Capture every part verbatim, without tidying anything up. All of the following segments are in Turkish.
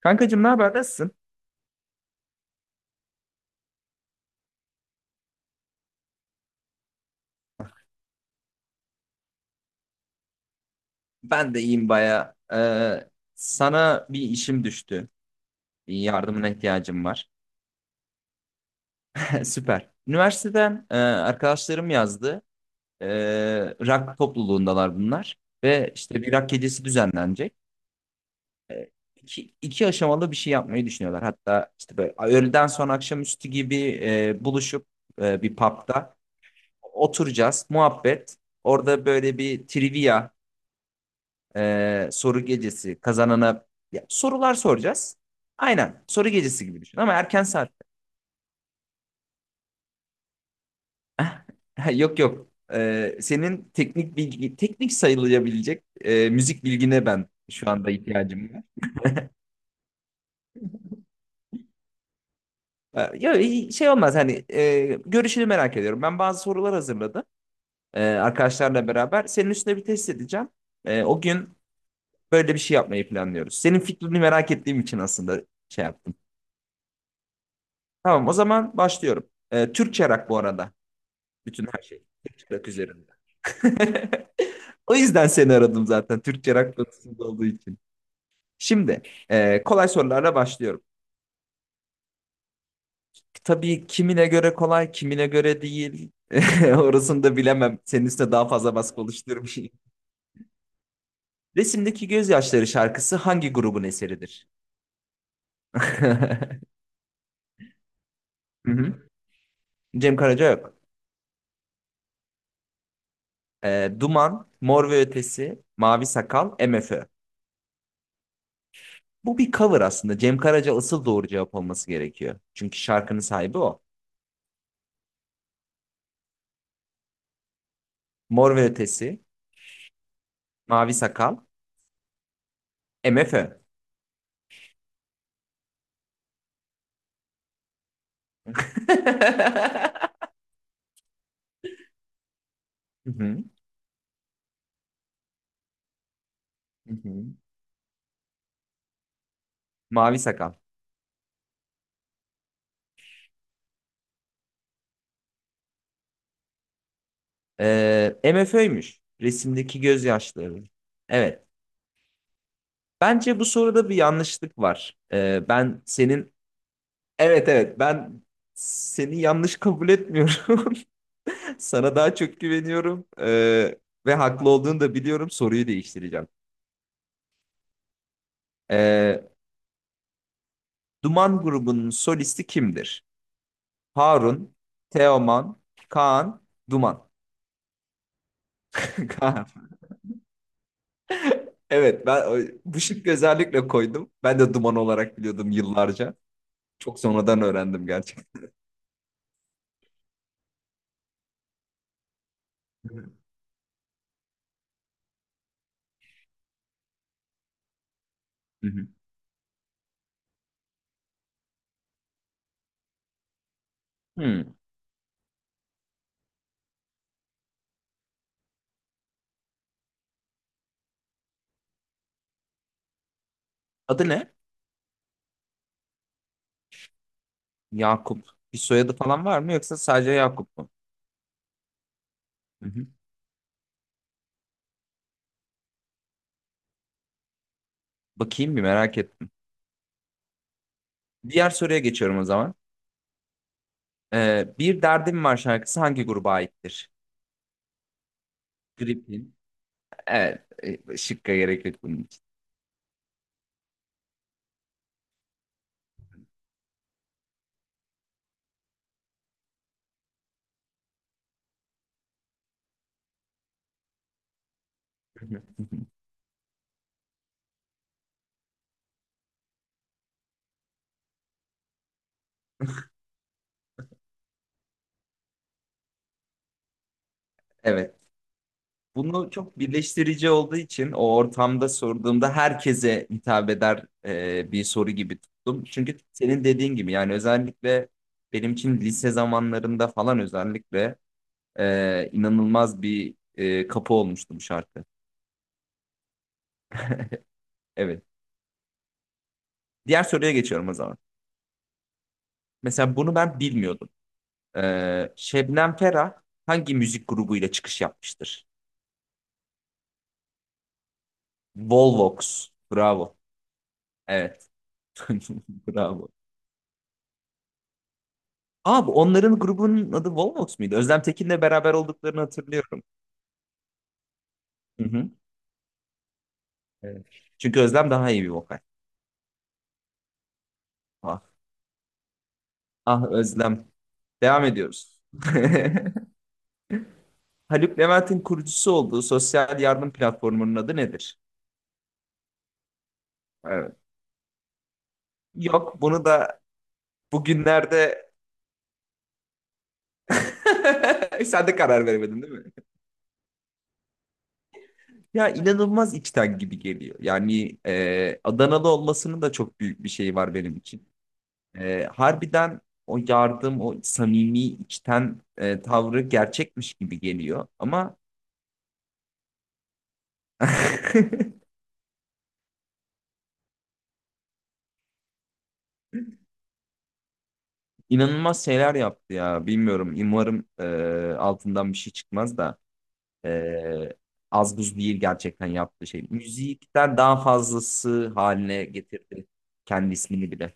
Kankacığım ne haber? Nasılsın? Ben de iyiyim baya. Ee, sana bir işim düştü. Bir yardımına ihtiyacım var. Süper. Üniversiteden e, arkadaşlarım yazdı. Ee, rock topluluğundalar bunlar. Ve işte bir rock gecesi düzenlenecek. Ee, iki, iki aşamalı bir şey yapmayı düşünüyorlar. Hatta işte böyle öğleden sonra akşamüstü gibi e, buluşup e, bir pub'da oturacağız. Muhabbet. Orada böyle bir trivia Ee, soru gecesi kazanana ya, sorular soracağız. Aynen soru gecesi gibi düşün ama erken saatte. Yok yok. Ee, senin teknik bilgi teknik sayılabilecek e, müzik bilgine ben şu anda ihtiyacım var. Ee, Ya e, şey olmaz hani e, görüşünü merak ediyorum. Ben bazı sorular hazırladım e, arkadaşlarla beraber. Senin üstüne bir test edeceğim. E, o gün böyle bir şey yapmayı planlıyoruz. Senin fikrini merak ettiğim için aslında şey yaptım. Tamam o zaman başlıyorum. E, Türkçe rock bu arada. Bütün her şey. Türkçe rock üzerinde. O yüzden seni aradım zaten. Türkçe rock konusunda olduğu için. Şimdi e, kolay sorularla başlıyorum. Tabii kimine göre kolay, kimine göre değil. Orasını da bilemem. Senin üstüne daha fazla baskı oluşturmayayım. Resimdeki Gözyaşları şarkısı hangi grubun eseridir? Hı hı. Cem Karaca yok. E, Duman, Mor ve Ötesi, Mavi Sakal, MFÖ. Bu bir cover aslında. Cem Karaca asıl doğru cevap olması gerekiyor. Çünkü şarkının sahibi o. Mor ve Ötesi, Mavi Sakal, MFÖ. Hı hı, hı hı. Mavi Sakal. Ee, MFÖ'ymüş. Resimdeki gözyaşları. Evet. Bence bu soruda bir yanlışlık var. Ee, ben senin... Evet evet ben seni yanlış kabul etmiyorum. Sana daha çok güveniyorum. Ee, ve haklı olduğunu da biliyorum. Soruyu değiştireceğim. Ee, Duman grubunun solisti kimdir? Harun, Teoman, Kaan, Duman. Kaan. Evet ben bu şıkkı özellikle koydum. Ben de duman olarak biliyordum yıllarca. Çok sonradan öğrendim gerçekten. Hı hı. Hmm. Adı ne? Yakup. Bir soyadı falan var mı yoksa sadece Yakup mu? Hı hı. Bakayım bir merak ettim. Diğer soruya geçiyorum o zaman. Ee, Bir Derdim Var şarkısı hangi gruba aittir? Gripin. Evet. e, Şıkka gerek yok bunun için. Evet. Bunu çok birleştirici olduğu için o ortamda sorduğumda herkese hitap eder e, bir soru gibi tuttum. Çünkü senin dediğin gibi yani özellikle benim için lise zamanlarında falan özellikle e, inanılmaz bir e, kapı olmuştu bu şarkı. Evet. Diğer soruya geçiyorum o zaman. Mesela bunu ben bilmiyordum. E, Şebnem Ferah hangi müzik grubuyla çıkış yapmıştır? Volvox. Bravo. Evet. Bravo. Abi onların grubunun adı Volvox muydu? Özlem Tekin'le beraber olduklarını hatırlıyorum. Hı hı. Evet. Çünkü Özlem daha iyi bir vokal. Ah, ah Özlem. Devam ediyoruz. Haluk Levent'in kurucusu olduğu sosyal yardım platformunun adı nedir? Evet. Yok bunu da bugünlerde sen de karar veremedin değil mi? Ya inanılmaz içten gibi geliyor. Yani e, Adanalı olmasının da çok büyük bir şeyi var benim için. E, harbiden o yardım, o samimi içten e, tavrı gerçekmiş gibi geliyor. Ama inanılmaz şeyler yaptı ya. Bilmiyorum. Umarım e, altından bir şey çıkmaz da e, az buz değil gerçekten yaptığı şey. Müzikten daha fazlası haline getirdi kendi ismini bile.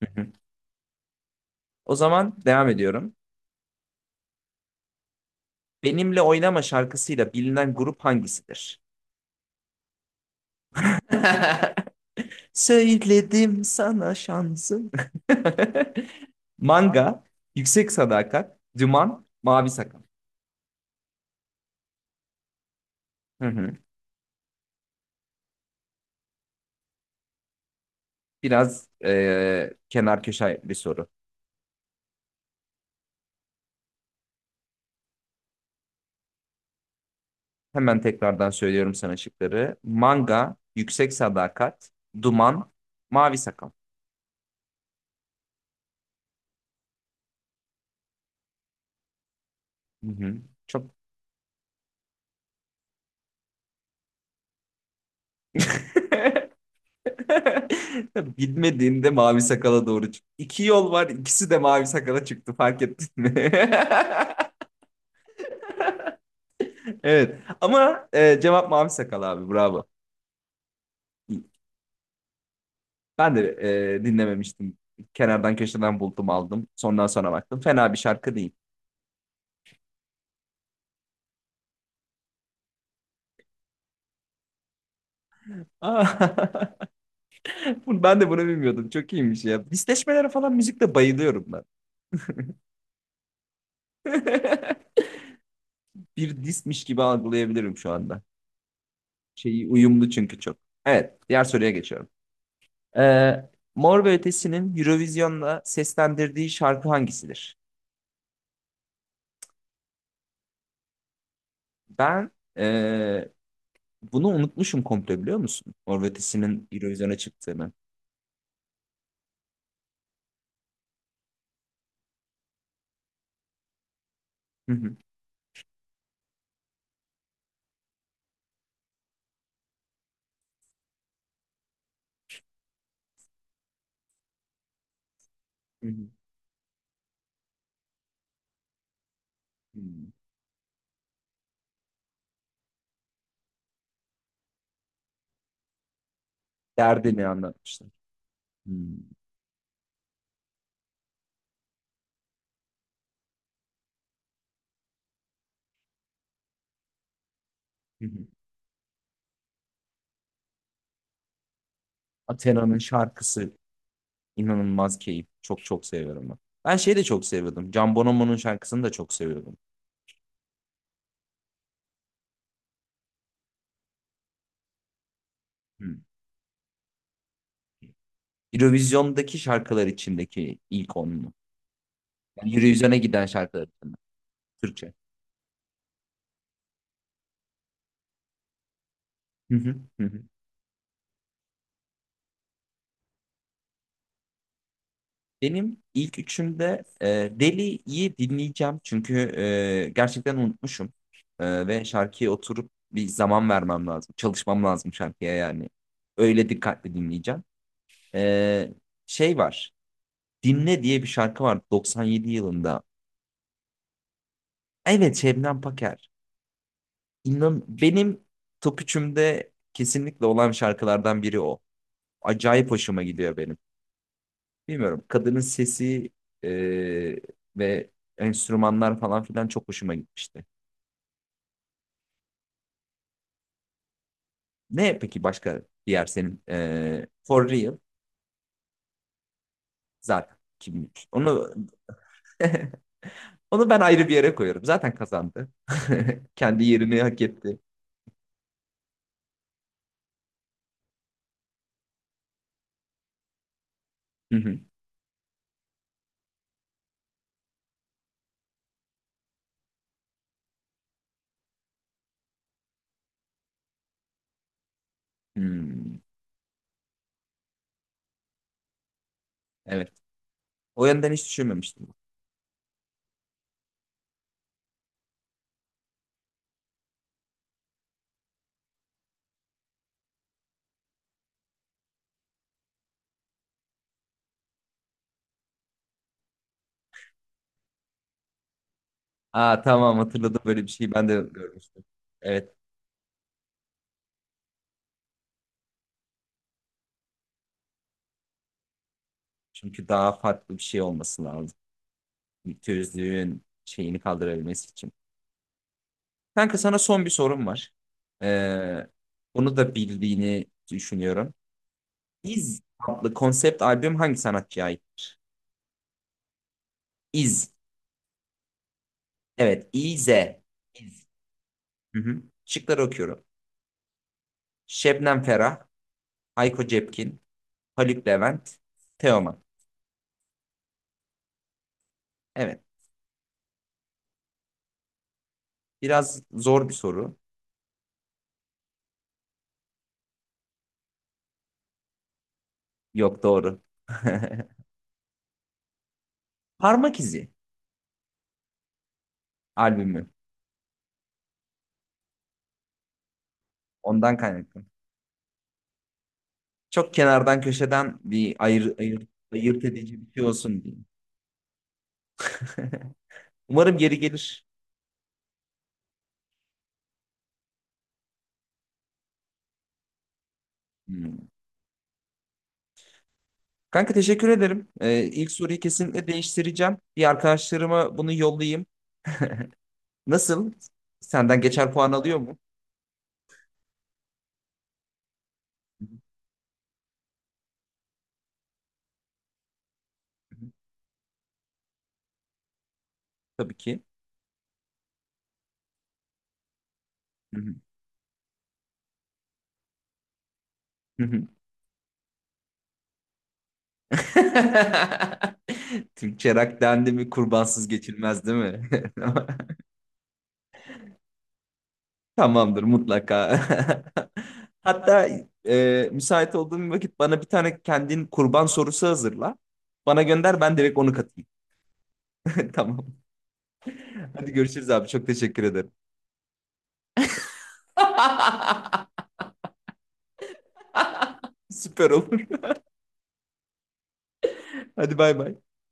Hı hı. O zaman devam ediyorum. Benimle Oynama şarkısıyla bilinen grup hangisidir? Söyledim sana şansım. Manga, Yüksek Sadakat, Duman, Mavi Sakal. Hı hı. Biraz eee, kenar köşe bir soru. Hemen tekrardan söylüyorum sana şıkları. Manga, Yüksek Sadakat, Duman, Mavi Sakal. Hı hı. Çok. Bilmediğinde mavi sakala doğru çıktı. İki yol var, ikisi de mavi sakala çıktı. Fark ettin mi? Evet. Ama e, cevap mavi sakal abi. Bravo. Ben de e, dinlememiştim. Kenardan köşeden buldum aldım. Sondan sonra baktım. Fena bir şarkı değil. Aa, bunu- ben de bunu bilmiyordum. Çok iyiymiş ya. Disleşmelere falan müzikte bayılıyorum ben. Bir dismiş gibi algılayabilirim şu anda. Şeyi uyumlu çünkü çok. Evet, diğer soruya geçiyorum. Ee, Mor ve Ötesi'nin Eurovision'da seslendirdiği şarkı hangisidir? Ben e, bunu unutmuşum komple biliyor musun? Mor ve Ötesi'nin Eurovision'a çıktığını. Hı hı. Hı hı. Hı. Derdini anlatmışlar. Hmm. Hı hı. Athena'nın şarkısı inanılmaz keyif. Çok çok seviyorum ben. Ben şeyi de çok seviyordum. Can Bonomo'nun şarkısını da çok seviyordum. Hmm. Eurovision'daki şarkılar içindeki ilk onlu. Yani Eurovision'a giden şarkılar içinde. Türkçe. Hı hı, hı hı. Benim ilk üçümde e, Deli'yi dinleyeceğim. Çünkü e, gerçekten unutmuşum. E, ve şarkıya oturup bir zaman vermem lazım. Çalışmam lazım şarkıya yani. Öyle dikkatli dinleyeceğim. Ee, Şey var. Dinle diye bir şarkı var doksan yedi yılında. Evet Şebnem Paker. İnan benim top üçümde kesinlikle olan şarkılardan biri o. Acayip hoşuma gidiyor benim. Bilmiyorum kadının sesi e, ve enstrümanlar falan filan çok hoşuma gitmişti. Ne peki başka diğer senin e, For Real zaten kimmiş? Onu. Onu ben ayrı bir yere koyuyorum. Zaten kazandı. Kendi yerini hak etti. Hı hı. Hmm. Evet. O yönden hiç düşünmemiştim. Aa tamam hatırladım böyle bir şeyi ben de görmüştüm. Evet. Çünkü daha farklı bir şey olması lazım. Tözlüğün şeyini kaldırabilmesi için. Kanka sana son bir sorum var. Ee, Bunu da bildiğini düşünüyorum. İz adlı konsept albüm hangi sanatçıya aittir? İz. Evet. İz. İz. Hı hı. Şıkları okuyorum. Şebnem Ferah, Hayko Cepkin, Haluk Levent, Teoman. Evet. Biraz zor bir soru. Yok doğru. Parmak izi albümü. Ondan kaynaklı. Çok kenardan köşeden bir ayır, ayır, ayırt edici bir şey olsun diye. Umarım geri gelir. Hmm. Kanka teşekkür ederim. Ee, ilk soruyu kesinlikle değiştireceğim. Bir arkadaşlarıma bunu yollayayım. Nasıl? Senden geçer puan alıyor mu? Hı hı. Tabii ki. Hı hı. Hı hı. Türkçe rock dendi mi kurbansız geçilmez değil mi? Tamamdır mutlaka. Hatta e, müsait olduğum bir vakit bana bir tane kendin kurban sorusu hazırla. Bana gönder ben direkt onu katayım. Tamam. Hadi görüşürüz abi. Çok teşekkür ederim. Süper olur. Hadi bay bay.